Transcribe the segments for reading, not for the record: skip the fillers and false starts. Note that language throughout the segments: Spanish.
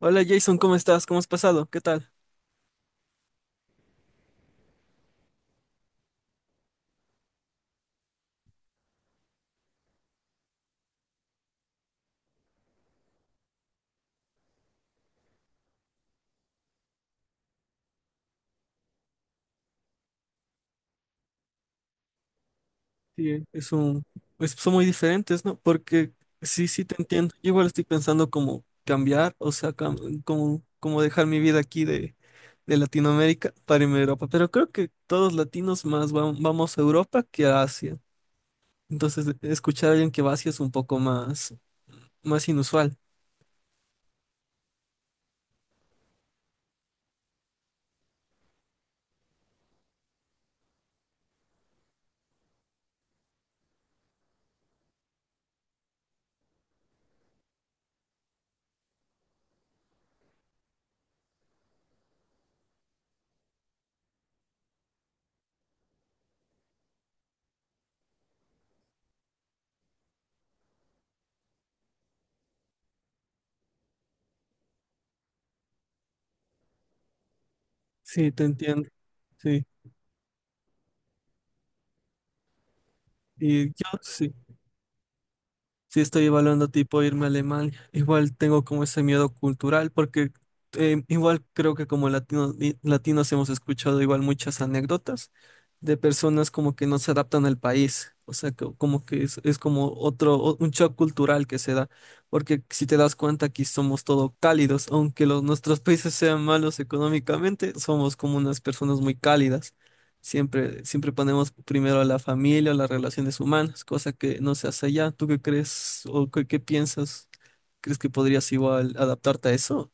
Hola Jason, ¿cómo estás? ¿Cómo has pasado? ¿Qué tal? Sí. Son muy diferentes, ¿no? Porque sí, sí te entiendo. Yo igual estoy pensando como cambiar, o sea, como dejar mi vida aquí de, Latinoamérica para irme a Europa. Pero creo que todos latinos más vamos a Europa que a Asia. Entonces, escuchar a alguien que va a Asia es un poco más inusual. Sí, te entiendo. Sí. Y yo sí. Sí, estoy evaluando tipo irme a Alemania. Igual tengo como ese miedo cultural porque igual creo que como latinos hemos escuchado igual muchas anécdotas de personas como que no se adaptan al país. O sea, como que es como otro, un shock cultural que se da, porque si te das cuenta, aquí somos todo cálidos, aunque nuestros países sean malos económicamente, somos como unas personas muy cálidas. Siempre ponemos primero a la familia, las relaciones humanas, cosa que no se hace allá. ¿Tú qué crees o qué, piensas? ¿Crees que podrías igual adaptarte a eso?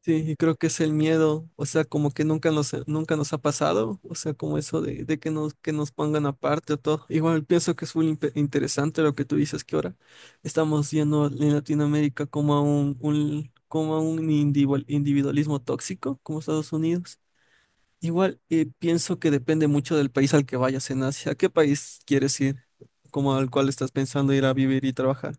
Sí, y creo que es el miedo, o sea, como que nunca nos, ha pasado, o sea, como eso de, que nos pongan aparte o todo. Igual pienso que es muy interesante lo que tú dices, que ahora estamos yendo en Latinoamérica como a un, como a un individualismo tóxico, como Estados Unidos. Igual pienso que depende mucho del país al que vayas en Asia. ¿A qué país quieres ir? Como al cual estás pensando ir a vivir y trabajar.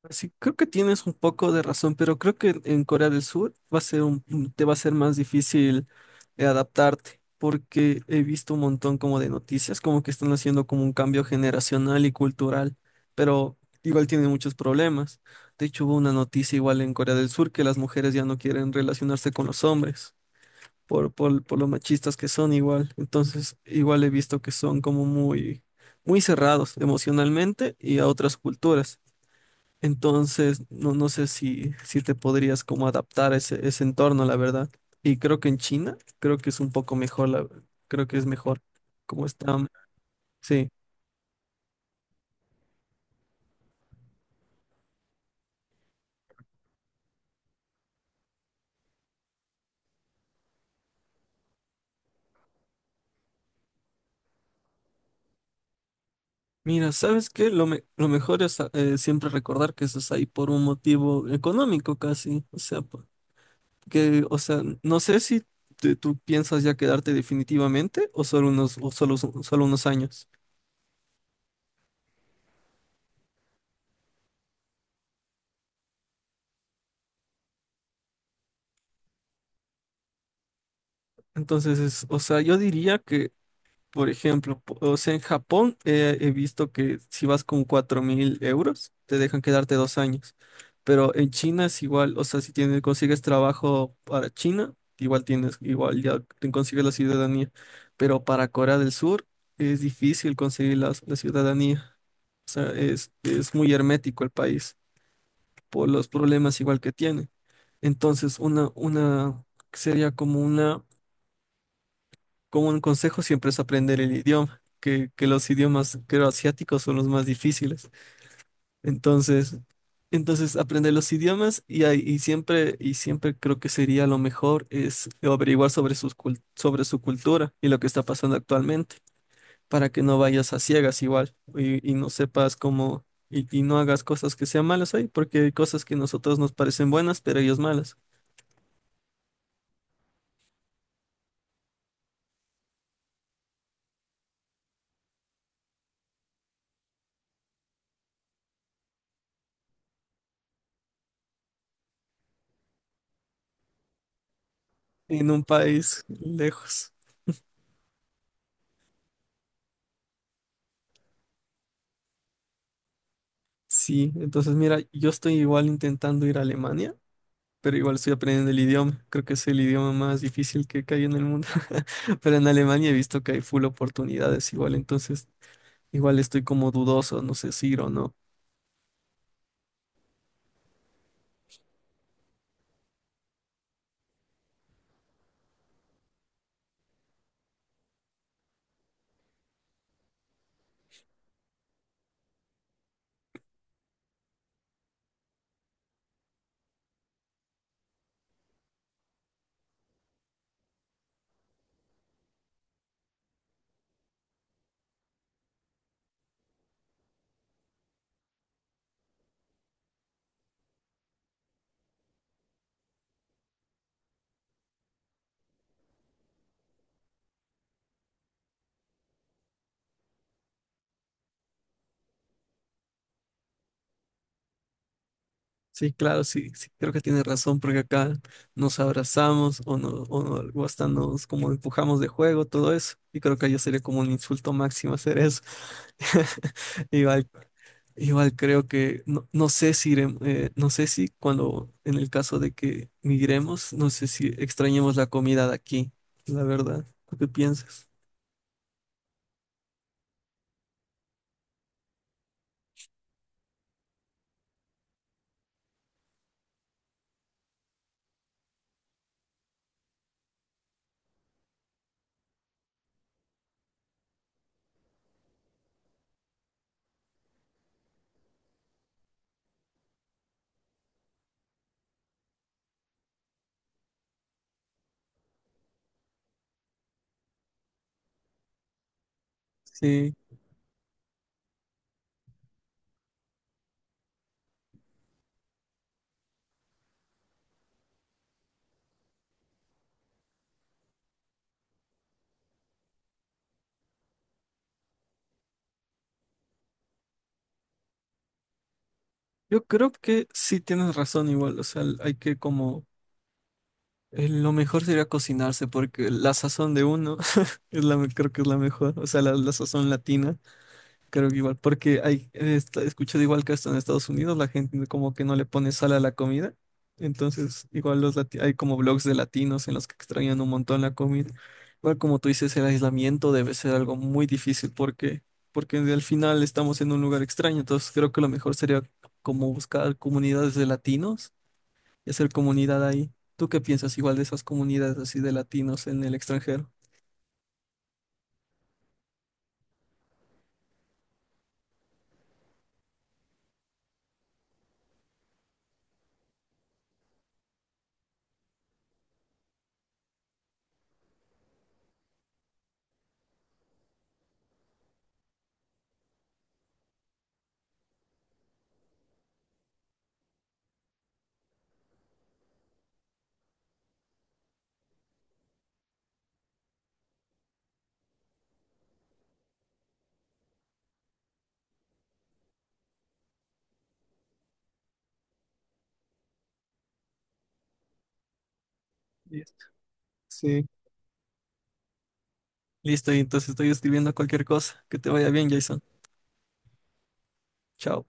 Pues sí, creo que tienes un poco de razón, pero creo que en Corea del Sur va a ser te va a ser más difícil adaptarte, porque he visto un montón como de noticias, como que están haciendo como un cambio generacional y cultural, pero igual tienen muchos problemas. De hecho, hubo una noticia igual en Corea del Sur que las mujeres ya no quieren relacionarse con los hombres por los machistas que son igual. Entonces, igual he visto que son como muy, muy cerrados emocionalmente y a otras culturas. Entonces, no, no sé si, si te podrías como adaptar a ese, entorno, la verdad. Y creo que en China, creo que es un poco mejor, creo que es mejor como están. Sí. Mira, ¿sabes qué? Lo mejor es siempre recordar que estás ahí por un motivo económico casi. O sea, que, o sea, no sé si tú piensas ya quedarte definitivamente o o solo unos años. Entonces, o sea, yo diría, por ejemplo, o sea, en Japón he visto que si vas con 4.000 euros, te dejan quedarte 2 años. Pero en China es igual, o sea, si tienes, consigues trabajo para China, igual ya te consigues la ciudadanía. Pero para Corea del Sur es difícil conseguir la, ciudadanía. O sea, es muy hermético el país por los problemas igual que tiene. Entonces, una, sería como un consejo siempre es aprender el idioma, que los idiomas, creo, asiáticos son los más difíciles. Entonces, entonces aprender los idiomas y siempre creo que sería lo mejor es averiguar sobre sobre su cultura y lo que está pasando actualmente, para que no vayas a ciegas igual y no sepas cómo, y no hagas cosas que sean malas ahí, porque hay cosas que a nosotros nos parecen buenas, pero ellos malas, en un país lejos. Sí, entonces mira, yo estoy igual intentando ir a Alemania, pero igual estoy aprendiendo el idioma. Creo que es el idioma más difícil que hay en el mundo. Pero en Alemania he visto que hay full oportunidades igual, entonces igual estoy como dudoso, no sé si ir o no. Sí, claro, sí, sí, creo que tienes razón, porque acá nos abrazamos o, no, o, o hasta nos como empujamos de juego, todo eso. Y creo que allá sería como un insulto máximo hacer eso. Igual Igual creo que, no, no sé si no sé si cuando, en el caso de que migremos, no sé si extrañemos la comida de aquí, la verdad. ¿Tú qué piensas? Sí, yo creo que sí tienes razón igual, o sea, hay que como, lo mejor sería cocinarse porque la sazón de uno es creo que es la mejor, o sea, la, sazón latina. Creo que igual, porque he escuchado igual que hasta en Estados Unidos la gente como que no le pone sal a la comida. Entonces, igual hay como blogs de latinos en los que extrañan un montón la comida. Igual como tú dices, el aislamiento debe ser algo muy difícil porque, al final estamos en un lugar extraño. Entonces, creo que lo mejor sería como buscar comunidades de latinos y hacer comunidad ahí. ¿Tú qué piensas igual de esas comunidades así de latinos en el extranjero? Listo. Sí. Listo, y entonces estoy escribiendo cualquier cosa. Que te vaya bien, Jason. Chao.